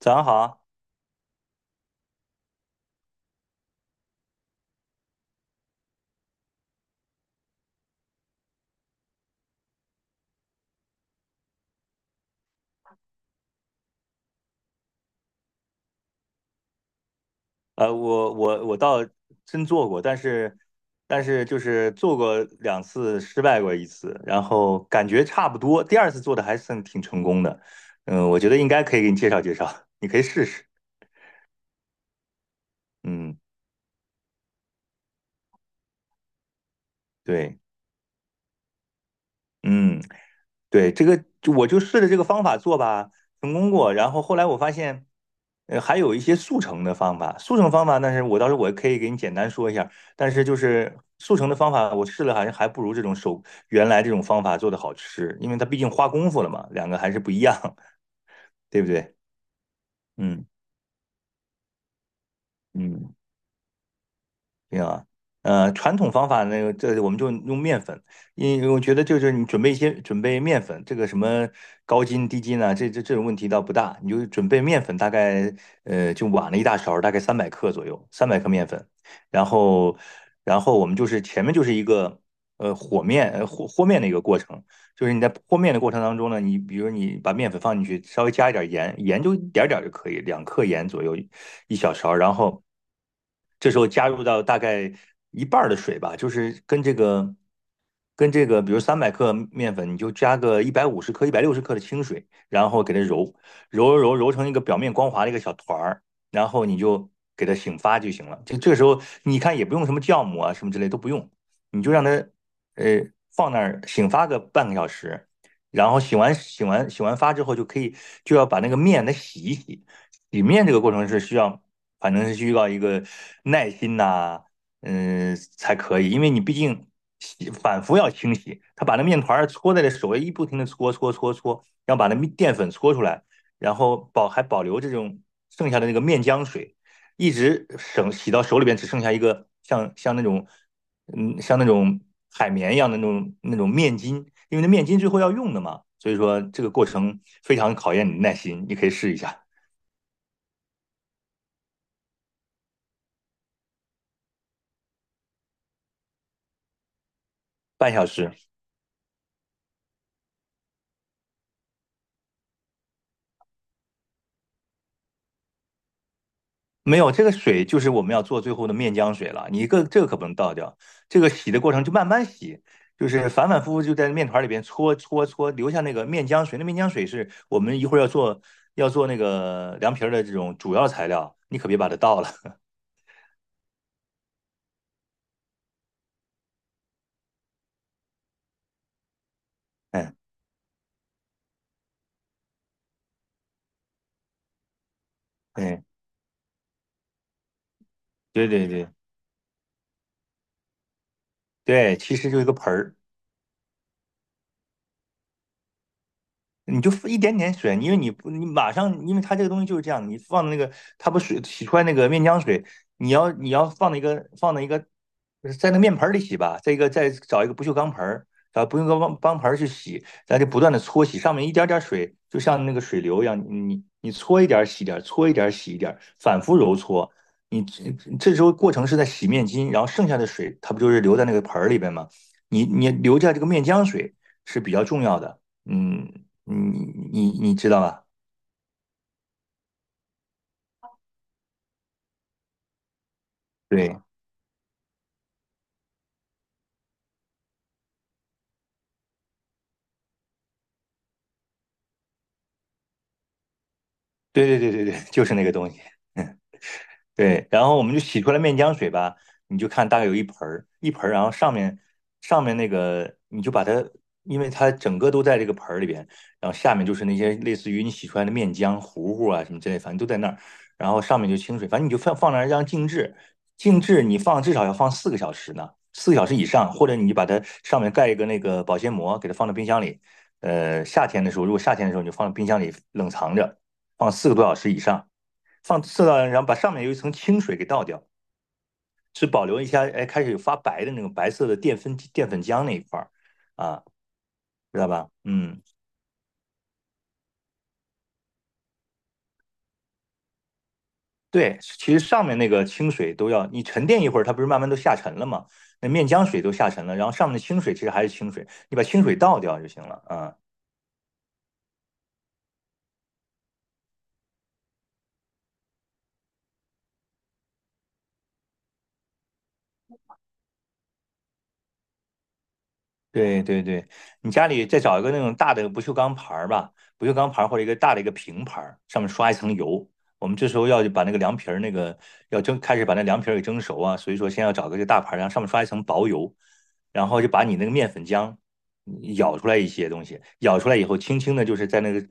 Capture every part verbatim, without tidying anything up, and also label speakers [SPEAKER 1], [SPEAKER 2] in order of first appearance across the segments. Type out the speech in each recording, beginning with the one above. [SPEAKER 1] 早上好啊，呃，我我我倒真做过，但是但是就是做过两次，失败过一次，然后感觉差不多，第二次做的还算挺成功的，嗯，我觉得应该可以给你介绍介绍，你可以试试，嗯，对，嗯。对，这个就我就试着这个方法做吧，成功过。然后后来我发现，呃，还有一些速成的方法。速成方法，但是我到时候我可以给你简单说一下。但是就是速成的方法，我试了好像还不如这种手原来这种方法做的好吃，因为它毕竟花功夫了嘛，两个还是不一样，对不对？嗯嗯。对啊，呃，传统方法那个，这我们就用面粉，因为我觉得就是你准备一些准备面粉，这个什么高筋低筋啊，这这这种问题倒不大，你就准备面粉，大概呃就碗了一大勺，大概三百克左右，三百克面粉，然后然后我们就是前面就是一个呃和面呃和和面的一个过程，就是你在和面的过程当中呢，你比如你把面粉放进去，稍微加一点盐，盐就一点儿点儿就可以，两克盐左右，一小勺，然后这时候加入到大概一半儿的水吧，就是跟这个跟这个，比如三百克面粉，你就加个一百五十克、一百六十克的清水，然后给它揉揉揉揉成一个表面光滑的一个小团儿，然后你就给它醒发就行了。这这个时候你看也不用什么酵母啊什么之类都不用，你就让它呃放那儿醒发个半个小时。然后醒完醒完醒完发之后，就可以就要把那个面它洗一洗，洗面这个过程是需要，反正是需要一个耐心呐、嗯、才可以，因为你毕竟洗反复要清洗，他把那面团搓在这手里一不停的搓搓搓搓，然后把那面淀粉搓出来，然后保还保留这种剩下的那个面浆水，一直省洗到手里边只剩下一个像像那种嗯像那种海绵一样的那种那种面筋，因为那面筋最后要用的嘛，所以说这个过程非常考验你的耐心，你可以试一下半小时。没有，这个水就是我们要做最后的面浆水了。你一个这个可不能倒掉，这个洗的过程就慢慢洗，就是反反复复就在面团里边搓搓搓，留下那个面浆水。那面浆水是我们一会儿要做要做那个凉皮儿的这种主要材料，你可别把它倒了。嗯，对对对对对，其实就一个盆儿，你就一点点水，因为你不你马上，因为它这个东西就是这样，你放的那个它不水洗出来那个面浆水，你要你要放那个放那一个在那个面盆儿里洗吧，再一个再找一个不锈钢盆儿，找不锈钢钢盆儿去洗，咱就不断的搓洗，上面一点点水，就像那个水流一样，你你搓一点儿洗一点儿，搓一点儿洗一点儿，反复揉搓。你这这时候过程是在洗面巾，然后剩下的水它不就是留在那个盆儿里边吗？你你留下这个面浆水是比较重要的。嗯，你你你知道吧？对啊对对对对对，就是那个东西。对，然后我们就洗出来面浆水吧，你就看大概有一盆儿，一盆儿，然后上面上面那个你就把它，因为它整个都在这个盆儿里边，然后下面就是那些类似于你洗出来的面浆糊糊啊什么之类，反正都在那儿，然后上面就清水，反正你就放放那儿让静置，静置你放至少要放四个小时呢，四个小时以上，或者你就把它上面盖一个那个保鲜膜，给它放到冰箱里，呃，夏天的时候，如果夏天的时候你就放到冰箱里冷藏着，放四个多小时以上。放射到，然后把上面有一层清水给倒掉，只保留一下，哎，开始有发白的那种白色的淀粉淀粉浆那一块儿啊，知道吧？嗯，对，其实上面那个清水都要你沉淀一会儿，它不是慢慢都下沉了吗？那面浆水都下沉了，然后上面的清水其实还是清水，你把清水倒掉就行了啊。对对对，你家里再找一个那种大的不锈钢盘儿吧，不锈钢盘儿或者一个大的一个平盘儿，上面刷一层油。我们这时候要把那个凉皮儿那个要蒸，开始把那凉皮儿给蒸熟啊，所以说先要找个这大盘儿，然后上面刷一层薄油，然后就把你那个面粉浆舀出来一些东西，舀出来以后，轻轻的就是在那个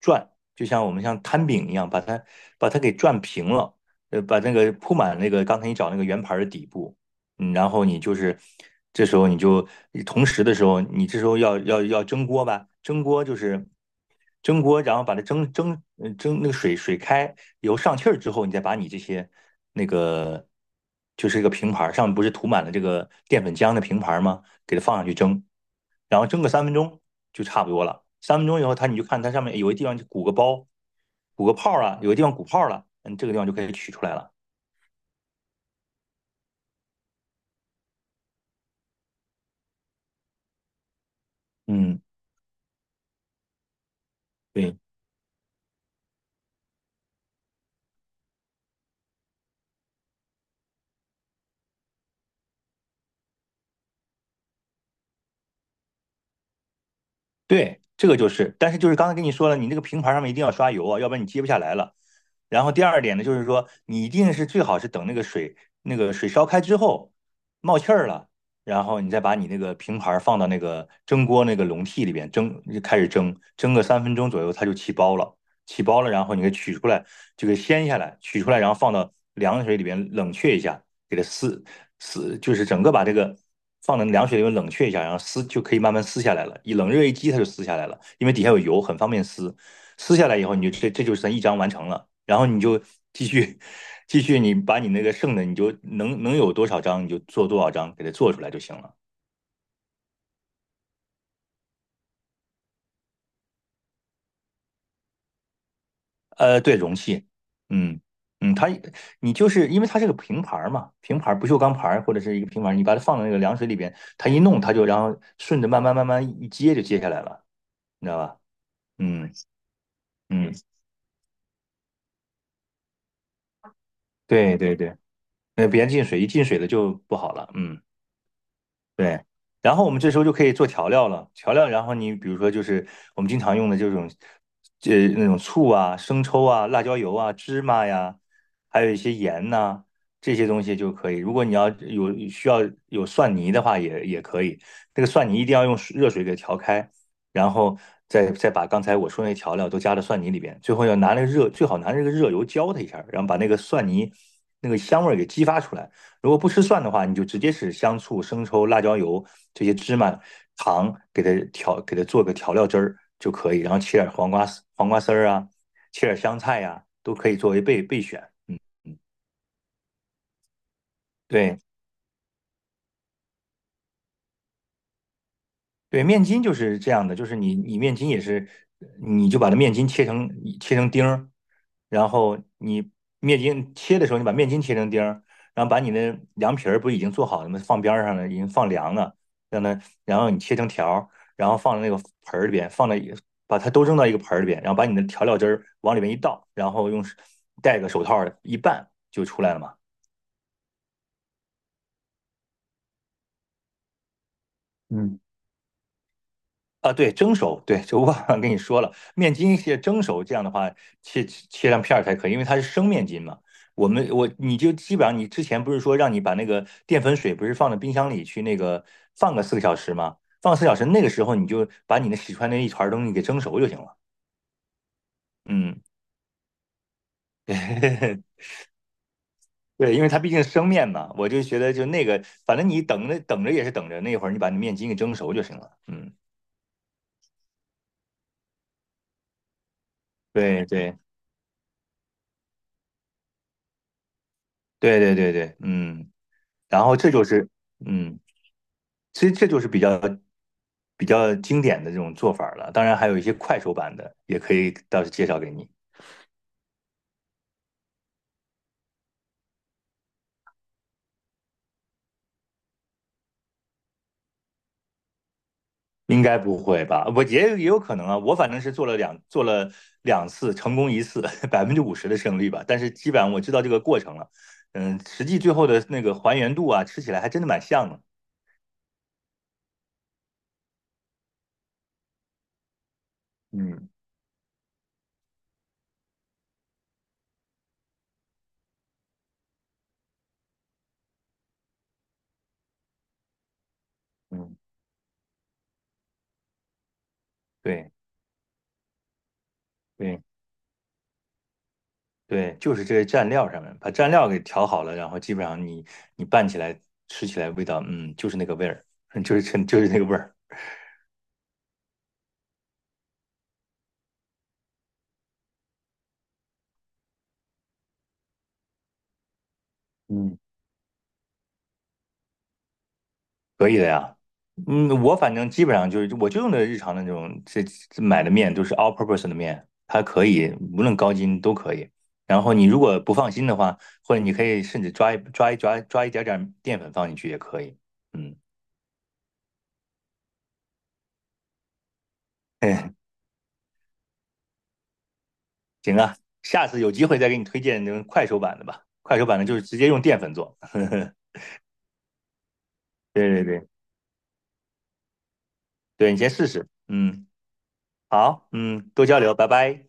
[SPEAKER 1] 转，就像我们像摊饼一样，把它把它给转平了，呃，把那个铺满那个刚才你找那个圆盘儿的底部。嗯，然后你就是这时候你就同时的时候，你这时候要要要蒸锅吧？蒸锅就是蒸锅，然后把它蒸蒸呃蒸那个水水开油上气儿之后，你再把你这些那个就是一个平盘儿上面不是涂满了这个淀粉浆的平盘儿吗？给它放上去蒸，然后蒸个三分钟就差不多了。三分钟以后，它你就看它上面有个地方就鼓个包，鼓个泡儿了，有个地方鼓泡儿了，嗯，这个地方就可以取出来了。嗯，对。对，这个就是，但是就是刚才跟你说了，你那个平盘上面一定要刷油啊，要不然你接不下来了。然后第二点呢，就是说你一定是最好是等那个水那个水烧开之后冒气儿了，然后你再把你那个平盘放到那个蒸锅那个笼屉里边蒸，就开始蒸，蒸个三分钟左右，它就起包了。起包了，然后你给取出来，就给掀下来，取出来，然后放到凉水里边冷却一下，给它撕撕，就是整个把这个放到凉水里面冷却一下，然后撕就可以慢慢撕下来了。一冷热一激，它就撕下来了，因为底下有油，很方便撕。撕下来以后，你就这这就算一张完成了，然后你就继续继续，你把你那个剩的，你就能能有多少张你就做多少张，给它做出来就行了。呃，对，容器，嗯嗯，它你就是因为它是个平盘儿嘛，平盘儿不锈钢盘儿或者是一个平盘儿，你把它放到那个凉水里边，它一弄它就然后顺着慢慢慢慢一接就接下来了，你知道吧？嗯嗯，对对对，那别进水，一进水了就不好了，嗯。对，然后我们这时候就可以做调料了。调料，然后你比如说就是我们经常用的这种，呃，那种醋啊、生抽啊、辣椒油啊、芝麻呀，还有一些盐呐、这些东西就可以。如果你要有需要有蒜泥的话也，也可以。那个蒜泥一定要用水热水给调开，然后再再把刚才我说那调料都加到蒜泥里边。最后要拿那个热，最好拿那个热油浇它一下，然后把那个蒜泥那个香味儿给激发出来。如果不吃蒜的话，你就直接是香醋、生抽、辣椒油这些芝麻、糖给它调，给它做个调料汁儿就可以，然后切点黄瓜丝、黄瓜丝儿啊，切点香菜呀、啊都可以作为备备选。嗯嗯，对。对，面筋就是这样的，就是你你面筋也是，你就把它面筋切成切成丁儿，然后你面筋切的时候，你把面筋切成丁儿，然后把你的凉皮儿不已经做好了吗？放边儿上了，已经放凉了，让它，然后你切成条儿，然后放在那个盆儿里边，放在把它都扔到一个盆儿里边，然后把你的调料汁儿往里面一倒，然后用戴个手套儿一拌就出来了嘛。嗯。啊，对，蒸熟，对，就忘了跟你说了，面筋是蒸熟，这样的话切切成片儿才可以，因为它是生面筋嘛。我们我你就基本上你之前不是说让你把那个淀粉水不是放到冰箱里去那个放个四个小时吗？放四小时，那个时候你就把你那洗出来那一团儿东西给蒸熟就行了。嗯，对，因为它毕竟是生面嘛，我就觉得就那个，反正你等着等着也是等着，那会儿你把那面筋给蒸熟就行了。嗯，对对对对对对，嗯。然后这就是嗯。其实这就是比较比较经典的这种做法儿了。当然，还有一些快手版的，也可以到时介绍给你。应该不会吧？我也也有可能啊。我反正是做了两做了两次，成功一次，百分之五十的胜率吧。但是基本上我知道这个过程了。嗯，实际最后的那个还原度啊，吃起来还真的蛮像的。嗯嗯，对对。对，就是这些蘸料上面，把蘸料给调好了，然后基本上你你拌起来吃起来味道，嗯，就是那个味儿，就是就是那个味儿 嗯，可以的呀。嗯，我反正基本上就是，我就用的日常的那种这这买的面都是 all purpose 的面，它可以无论高筋都可以。然后你如果不放心的话，或者你可以甚至抓一抓一抓抓一点点淀粉放进去也可以。嗯，哎，行啊，下次有机会再给你推荐那种快手版的吧，快手版的就是直接用淀粉做。对对对对，你先试试。嗯，好，嗯，多交流，拜拜。